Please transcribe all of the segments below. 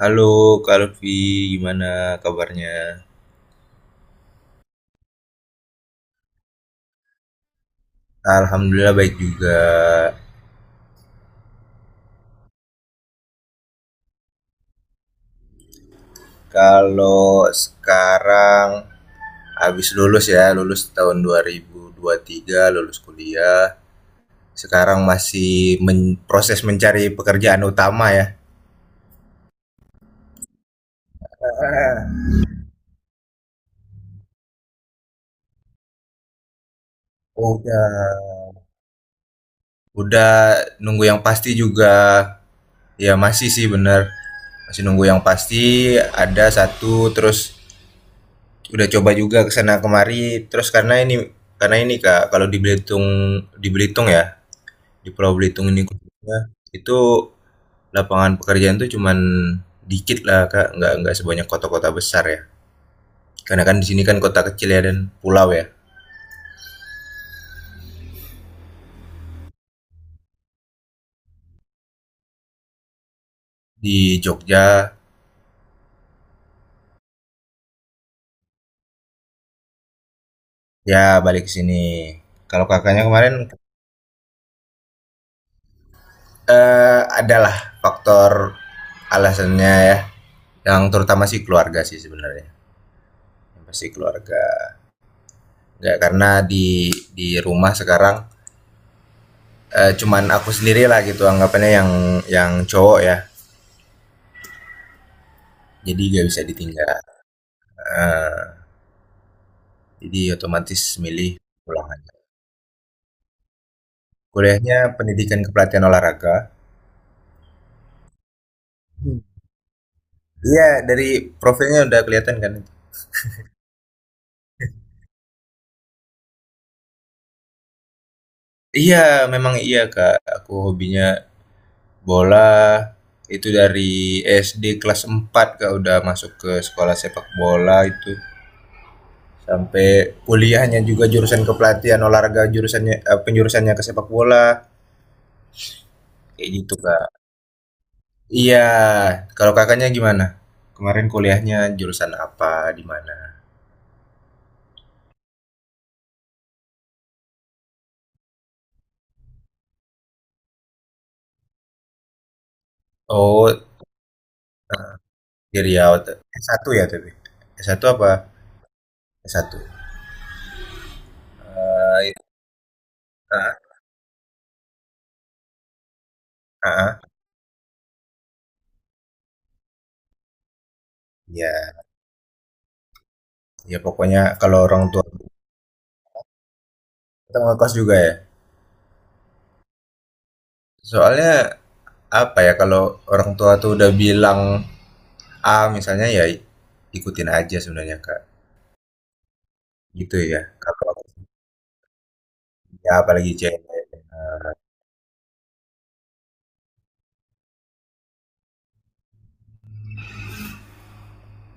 Halo Kak Lutfi, gimana kabarnya? Alhamdulillah baik juga. Kalau sekarang habis lulus ya, lulus tahun dua ribu tiga, lulus kuliah. Sekarang masih proses mencari pekerjaan utama ya. Udah. Udah nunggu yang pasti juga. Ya masih sih bener. Masih nunggu yang pasti ada satu terus udah coba juga kesana sana kemari terus karena ini Kak, kalau di Belitung, ya, di Pulau Belitung ini khususnya itu, lapangan pekerjaan tuh cuman dikit lah Kak, nggak sebanyak kota-kota besar ya, karena kan di sini kan kota kecil ya dan pulau ya. Di Jogja ya. Balik ke sini. Kalau kakaknya kemarin, adalah faktor alasannya ya, yang terutama sih keluarga sih sebenarnya, yang pasti keluarga. Nggak, karena di rumah sekarang, cuman aku sendiri lah gitu anggapannya, yang cowok ya, jadi nggak bisa ditinggal. Eh, jadi otomatis milih pulang aja. Kuliahnya pendidikan kepelatihan olahraga. Hmm. Iya, dari profilnya udah kelihatan kan. Iya, memang iya kak, aku hobinya bola itu dari SD kelas 4 kak, udah masuk ke sekolah sepak bola itu, sampai kuliahnya juga jurusan kepelatihan olahraga, penjurusannya ke sepak bola, kayak gitu kak. Iya, kalau kakaknya gimana, kemarin kuliahnya jurusan apa, di mana? Oh, di Riau tuh. S1 ya, tapi S1 apa, S1, itu, Ah, ya ya pokoknya kalau orang tua, kita ngekos juga ya, soalnya apa ya, kalau orang tua tuh udah bilang A misalnya ya, ikutin aja sebenarnya kak, gitu ya kalau. Ya apalagi cewek.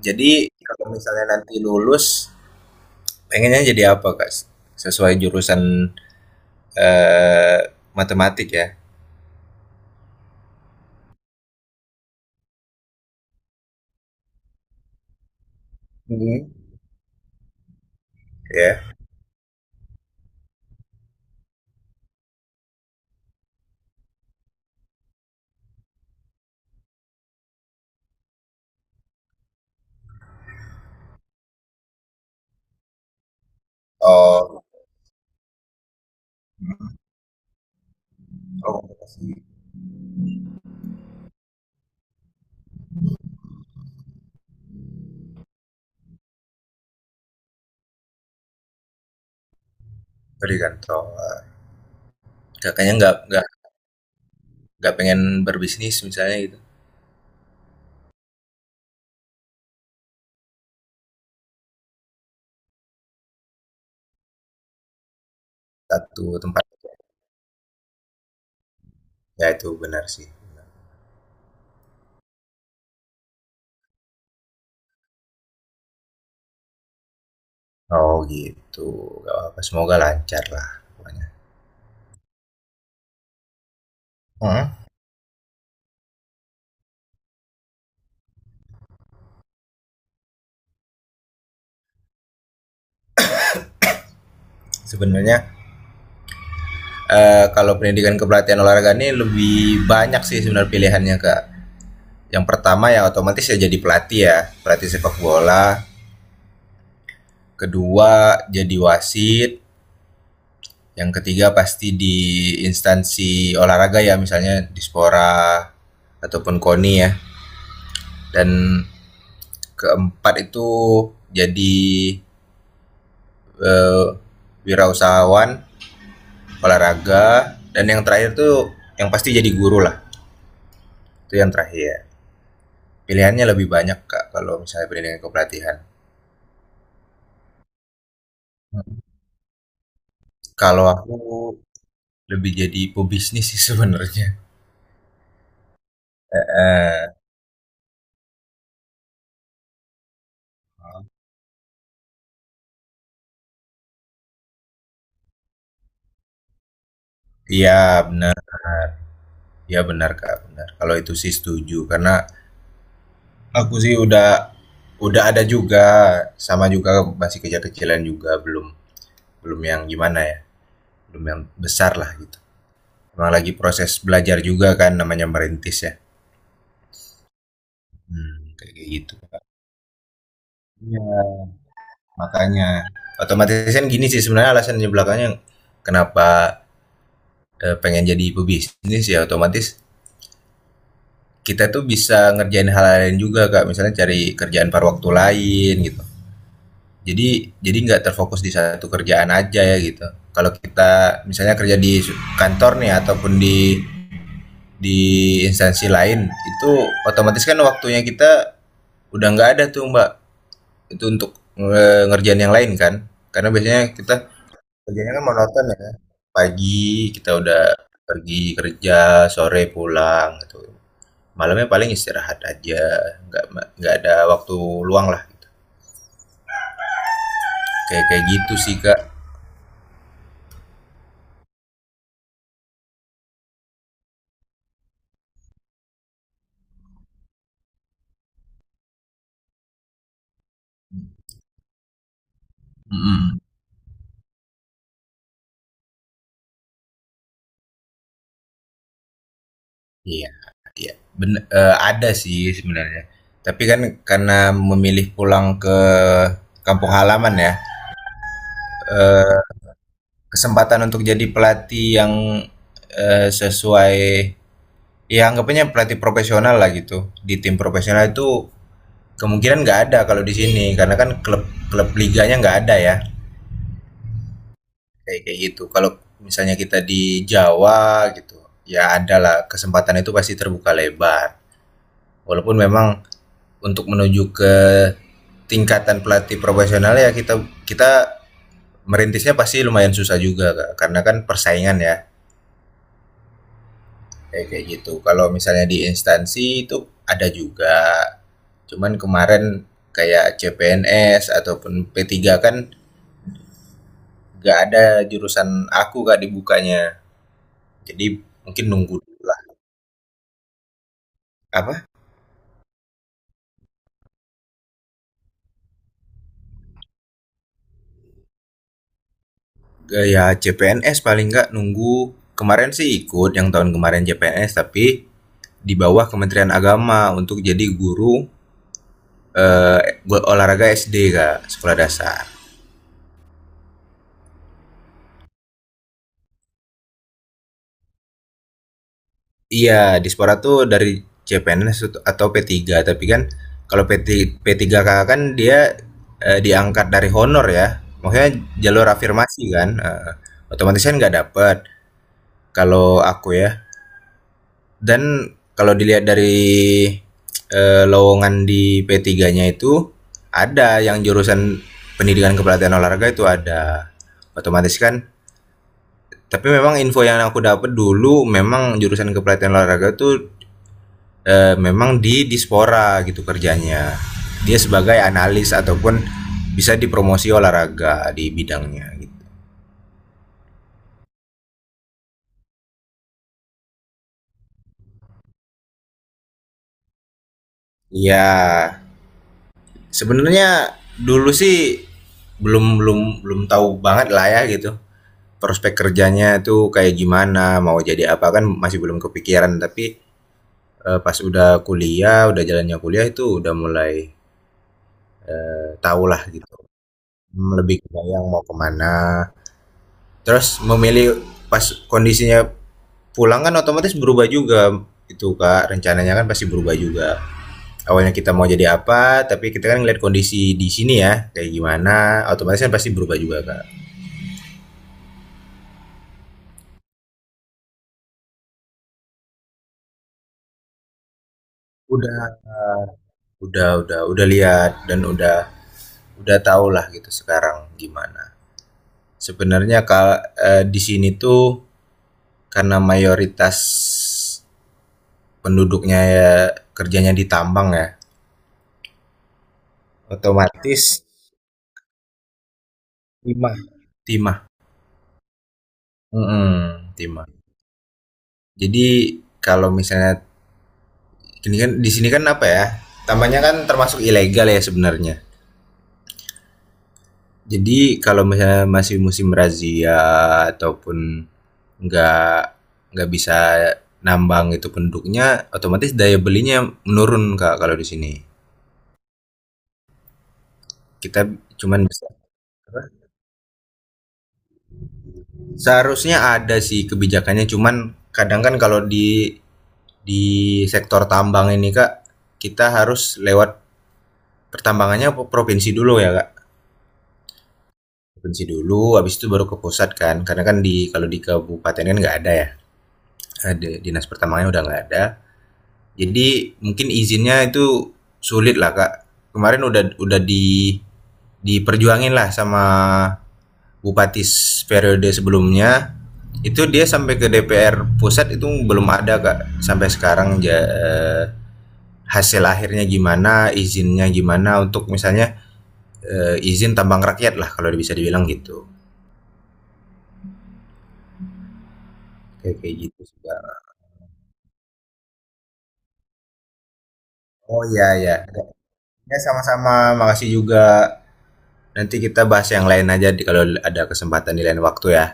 Jadi kalau misalnya nanti lulus, pengennya jadi apa kak? Sesuai jurusan, eh, matematik ya? Mhm. Ya. Yeah. Oh, hmm. Oh, komunikasi, pendidikan. Oh, kakaknya nggak pengen berbisnis misalnya gitu. Satu tempat, ya itu benar sih. Oh gitu. Gak apa-apa. Semoga lancar lah pokoknya. Hmm. Sebenarnya kalau pendidikan kepelatihan olahraga ini lebih banyak sih sebenarnya pilihannya kak. Yang pertama ya otomatis ya jadi pelatih ya, pelatih sepak bola. Kedua jadi wasit. Yang ketiga pasti di instansi olahraga ya, misalnya dispora ataupun KONI ya. Dan keempat itu jadi eh, wirausahawan olahraga, dan yang terakhir tuh yang pasti jadi guru lah. Itu yang terakhir. Pilihannya lebih banyak Kak kalau misalnya pendidikan kepelatihan. Kalau aku lebih jadi pebisnis sih sebenarnya. eh eh, Iya benar, iya benar Kak, benar. Kalau itu sih setuju karena aku sih udah, ada juga, sama juga masih kecil-kecilan juga, belum belum yang gimana ya, belum yang besar lah gitu. Emang lagi proses belajar juga kan namanya merintis ya. Hmm, kayak kayak gitu. Iya, makanya otomatis kan gini sih sebenarnya alasannya belakangnya kenapa pengen jadi pebisnis ya, otomatis kita tuh bisa ngerjain hal lain juga Kak, misalnya cari kerjaan paruh waktu lain gitu. Jadi nggak terfokus di satu kerjaan aja ya gitu. Kalau kita misalnya kerja di kantor nih ataupun di di instansi lain itu, otomatis kan waktunya kita udah nggak ada tuh Mbak, itu untuk ngerjain yang lain kan. Karena biasanya kita kerjanya kan monoton ya. Pagi kita udah pergi kerja, sore pulang gitu. Malamnya paling istirahat aja, nggak nggak ada waktu luang lah. Gitu. Kayak kayak gitu sih Kak. Mm-mm. Iya. Ada sih sebenarnya. Tapi kan karena memilih pulang ke kampung halaman ya, kesempatan untuk jadi pelatih yang, sesuai ya anggapannya pelatih profesional lah gitu, di tim profesional itu kemungkinan nggak ada kalau di sini, karena kan klub klub liganya nggak ada ya, kayak kayak gitu. Kalau misalnya kita di Jawa gitu, ya ada lah kesempatan itu pasti terbuka lebar. Walaupun memang untuk menuju ke tingkatan pelatih profesional ya kita kita merintisnya pasti lumayan susah juga Kak, karena kan persaingan ya, kayak kayak gitu. Kalau misalnya di instansi itu ada juga. Cuman kemarin kayak CPNS ataupun P3 kan gak ada jurusan aku Kak dibukanya. Jadi mungkin nunggu lah. Apa? Gaya CPNS paling nggak nunggu, kemarin sih ikut yang tahun kemarin CPNS, tapi di bawah Kementerian Agama untuk jadi guru buat olahraga SD kak, sekolah dasar. Iya dispora tuh dari CPNS atau P3, tapi kan kalau P3 P3K kan dia, diangkat dari honor ya maksudnya jalur afirmasi kan, otomatis kan nggak dapet kalau aku ya. Dan kalau dilihat dari lowongan di P3-nya itu ada yang jurusan pendidikan kepelatihan olahraga, itu ada, otomatis kan. Tapi memang info yang aku dapat dulu, memang jurusan kepelatihan olahraga tuh memang di Dispora gitu kerjanya. Dia sebagai analis ataupun bisa dipromosi olahraga di bidangnya gitu. Iya, sebenarnya dulu sih belum belum belum tahu banget lah ya gitu. Prospek kerjanya tuh kayak gimana, mau jadi apa kan masih belum kepikiran, tapi pas udah kuliah, udah jalannya kuliah itu udah mulai tahu lah gitu. Hmm, lebih kebayang mau kemana. Terus memilih pas kondisinya pulang kan otomatis berubah juga, itu kak rencananya kan pasti berubah juga, awalnya kita mau jadi apa tapi kita kan ngeliat kondisi di sini ya kayak gimana, otomatis kan pasti berubah juga kak. Udah udah udah udah lihat, dan udah tau lah gitu sekarang gimana sebenarnya kak, di sini tuh karena mayoritas penduduknya ya kerjanya di tambang ya otomatis, 5 timah. Mm-mm, timah. Jadi kalau misalnya ini kan di sini kan apa ya, tambahnya kan termasuk ilegal ya sebenarnya. Jadi kalau misalnya masih musim razia ataupun nggak nggak bisa nambang itu penduduknya, otomatis daya belinya menurun kak kalau di sini. Kita cuman bisa. Seharusnya ada sih kebijakannya cuman kadang kan kalau di di sektor tambang ini kak, kita harus lewat pertambangannya provinsi dulu ya kak, provinsi dulu habis itu baru ke pusat kan, karena kan di, kalau di kabupaten kan nggak ada ya, ada dinas pertambangannya udah nggak ada. Jadi mungkin izinnya itu sulit lah kak, kemarin udah diperjuangin lah sama bupati periode sebelumnya, itu dia sampai ke DPR pusat, itu belum ada kak sampai sekarang, hasil akhirnya gimana, izinnya gimana untuk misalnya izin tambang rakyat lah kalau bisa dibilang gitu. Kayak kayak gitu sih, Kak. Oh, iya ya. Ya sama-sama, makasih juga. Nanti kita bahas yang lain aja, di kalau ada kesempatan di lain waktu ya.